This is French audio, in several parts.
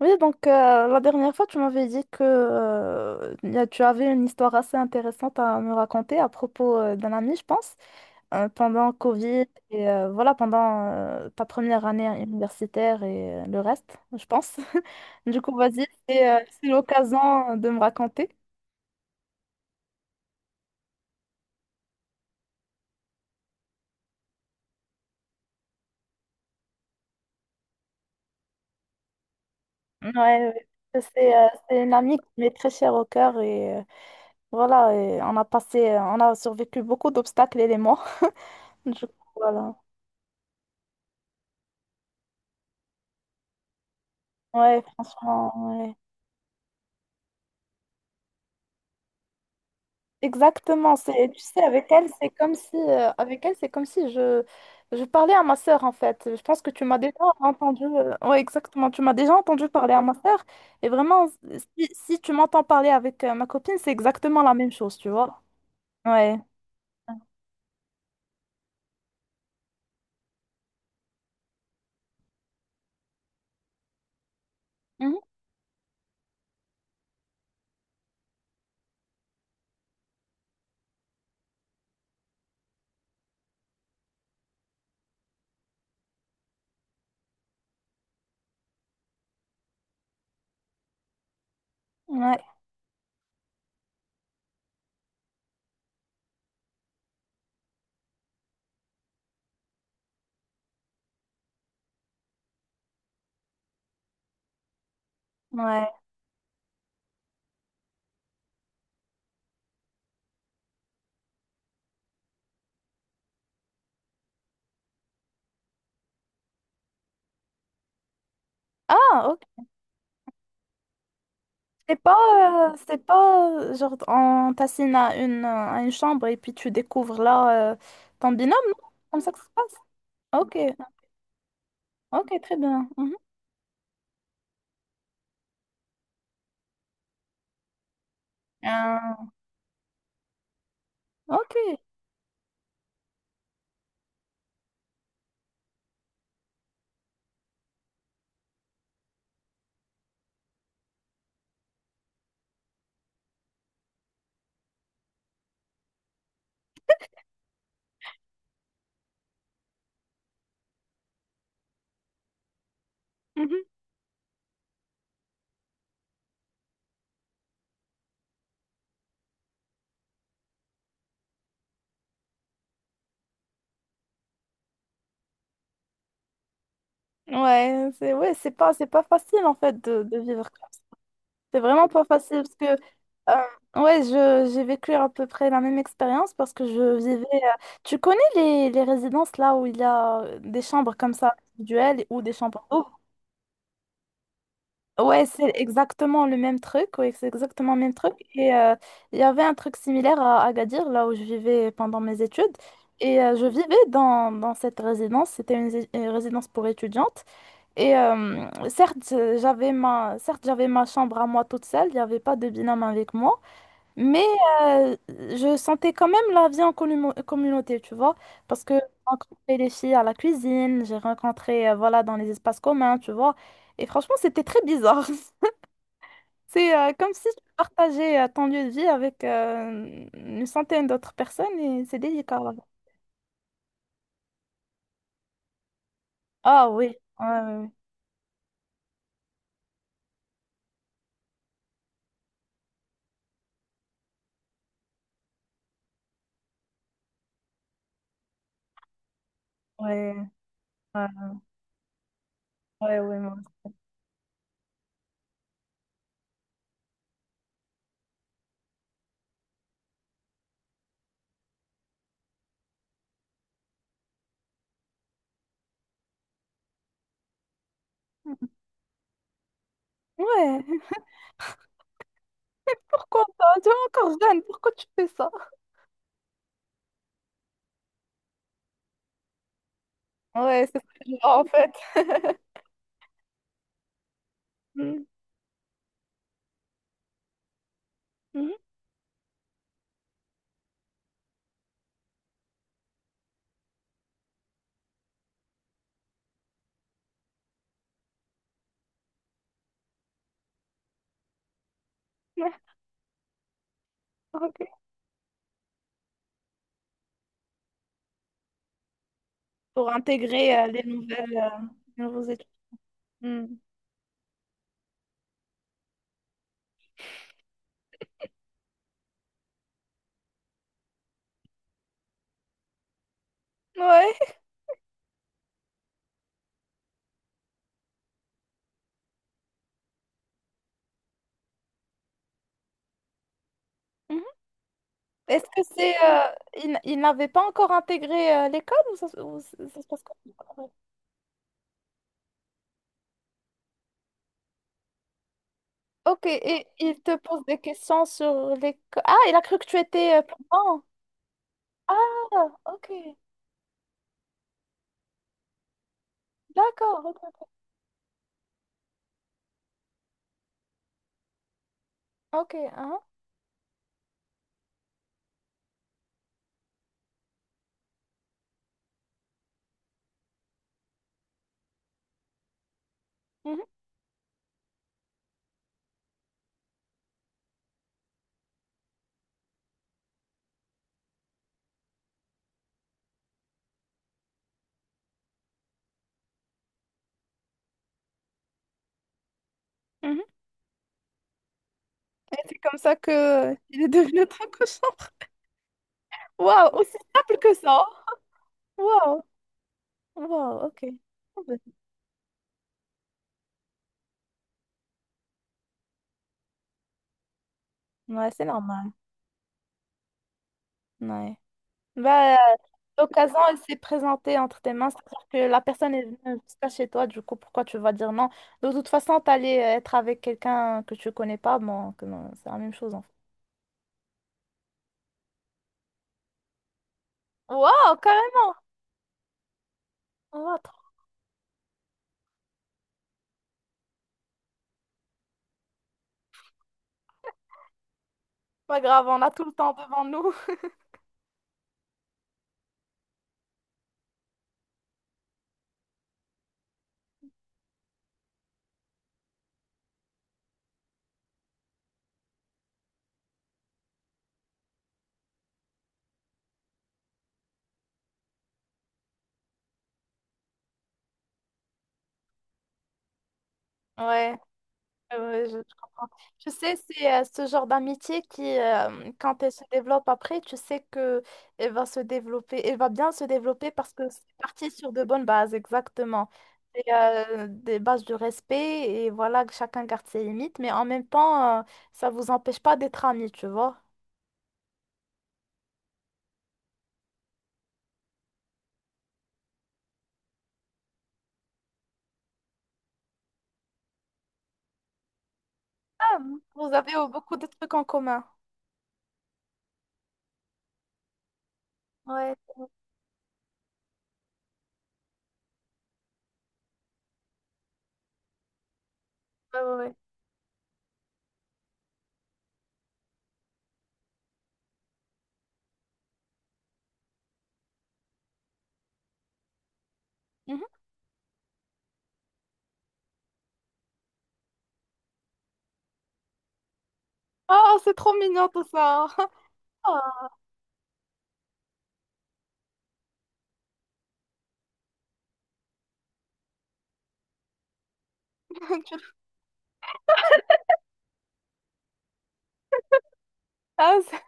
Oui, donc la dernière fois, tu m'avais dit que tu avais une histoire assez intéressante à me raconter à propos d'un ami, je pense, pendant Covid et voilà, pendant ta première année universitaire et le reste, je pense. Du coup, vas-y, c'est l'occasion de me raconter. Ouais, ouais. C'est c'est une amie qui m'est très chère au cœur et voilà, et on a on a survécu beaucoup d'obstacles, elle et moi. Du coup, voilà. Ouais, franchement, ouais. Exactement, c'est, tu sais, avec elle, c'est comme si, avec elle, c'est comme si je parlais à ma sœur, en fait. Je pense que tu m'as déjà ouais, exactement, tu m'as déjà entendu parler à ma sœur. Et vraiment, si tu m'entends parler avec ma copine, c'est exactement la même chose, tu vois. Ouais. Mhm. Ouais, ouais. Ah, ok. C'est pas, c'est pas, genre, on t'assigne à à une chambre et puis tu découvres là, ton binôme, non? Comme ça que ça se passe? Ok, ok, très bien. Mhm. Euh, ok. Mhm. Ouais, c'est pas facile en fait de vivre comme ça. C'est vraiment pas facile parce que ouais, je j'ai vécu à peu près la même expérience parce que je vivais tu connais les résidences là où il y a des chambres comme ça individuelles ou des chambres doubles? Ouais, c'est exactement le même truc, ouais, c'est exactement le même truc et il y avait un truc similaire à Agadir là où je vivais pendant mes études et je vivais dans cette résidence, c'était une résidence pour étudiantes. Et certes, certes, j'avais ma chambre à moi toute seule, il n'y avait pas de binôme avec moi, mais je sentais quand même la vie en communauté, tu vois, parce que j'ai rencontré les filles à la cuisine, j'ai rencontré, voilà, dans les espaces communs, tu vois, et franchement, c'était très bizarre. C'est comme si tu partageais ton lieu de vie avec une centaine d'autres personnes et c'est délicat. Là. Ah oui, ouais, ouais, ouais, ouais, ouais, ouais. ouais, moi aussi. Ouais. Tu es encore jeune, pourquoi tu fais ça? Ouais, c'est ça je vois en fait. Mm. Mhm. Ouais, ok. Pour intégrer les nouveaux étudiants. Mm. Ouais. Mhm. Est-ce que c'est... ils, ils n'avaient pas encore intégré l'école ou ça se passe comment? Ok, et il te pose des questions sur l'école. Ah, il a cru que tu étais plan. Ah, ok. D'accord. Ok, ok. Ok, hein. Mhm, mhm. Et c'est comme ça que il est devenu ton cochon. Waouh, aussi simple que ça. Waouh, waouh, ok. Ouais, c'est normal. Ouais. Bah, l'occasion, elle s'est présentée entre tes mains, c'est-à-dire que la personne est venue jusqu'à chez toi, du coup, pourquoi tu vas dire non? De toute façon, t'allais être avec quelqu'un que tu connais pas, bon, que non, c'est la même chose en fait. Waouh, carrément! Waouh, trop pas grave, on a tout le temps devant nous. Ouais. Ouais, je comprends. Tu sais, c'est ce genre d'amitié qui, quand elle se développe après, tu sais que elle va se développer, elle va bien se développer parce que c'est parti sur de bonnes bases, exactement. Et, des bases de respect, et voilà, que chacun garde ses limites, mais en même temps, ça vous empêche pas d'être amis, tu vois. Ah, vous avez beaucoup de trucs en commun. Ouais, ouais, ouais. ouais. Mhm. Oh, c'est trop mignon tout ça. Ah, tu- ah, c'est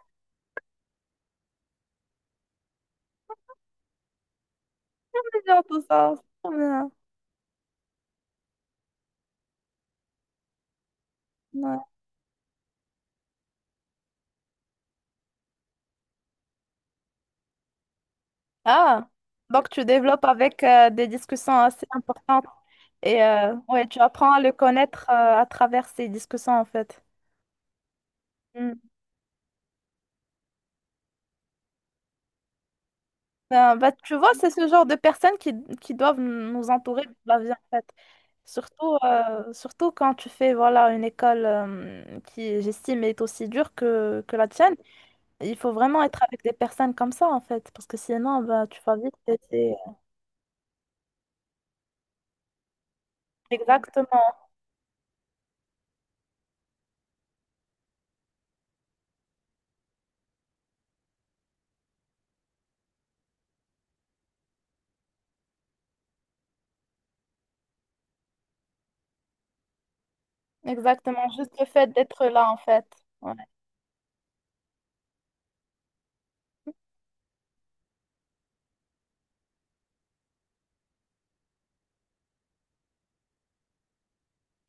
mignon tout ça. C'est trop bien. Ouais. Ah, donc tu développes avec des discussions assez importantes et ouais, tu apprends à le connaître à travers ces discussions en fait. Mm. Ben, bah, tu vois, c'est ce genre de personnes qui doivent nous entourer de la vie en fait. Surtout, surtout quand tu fais voilà, une école qui, j'estime, est aussi dure que la tienne. Il faut vraiment être avec des personnes comme ça en fait, parce que sinon, ben, tu vas vite. Et c'est- Exactement, exactement, juste le fait d'être là en fait. Ouais.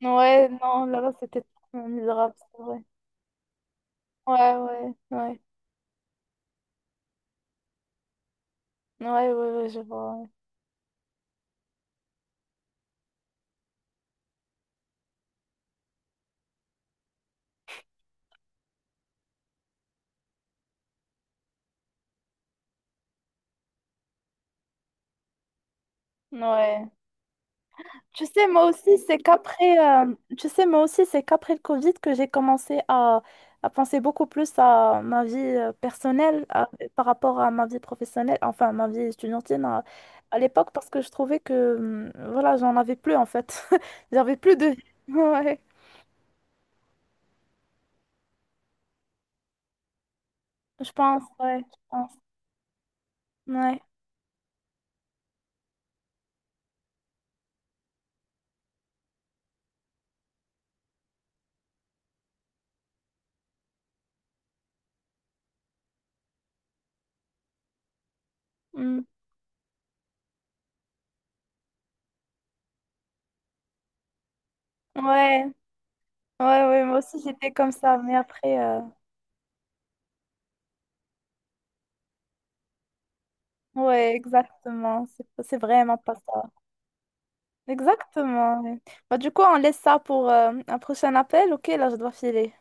Ouais, non, là-bas, c'était tellement misérable, c'est vrai. Ouais, ouais, ouais. Ouais, ouais, ouais, je vois. Ouais. Ouais. Tu sais, moi aussi, tu sais, moi aussi, c'est qu'après le Covid que j'ai commencé à penser beaucoup plus à ma vie personnelle à- par rapport à ma vie professionnelle, enfin, ma vie étudiantine à l'époque, parce que je trouvais que, voilà, j'en avais plus, en fait. J'avais plus de vie. Ouais, je pense, ouais, je pense. Ouais. Hum. Ouais. Ouais, ouais, moi aussi j'étais comme ça, mais après, ouais, exactement, c'est vraiment pas ça. Exactement. Ouais. Bah, du coup, on laisse ça pour un prochain appel, ok? Là, je dois filer.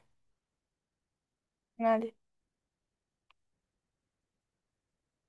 Allez.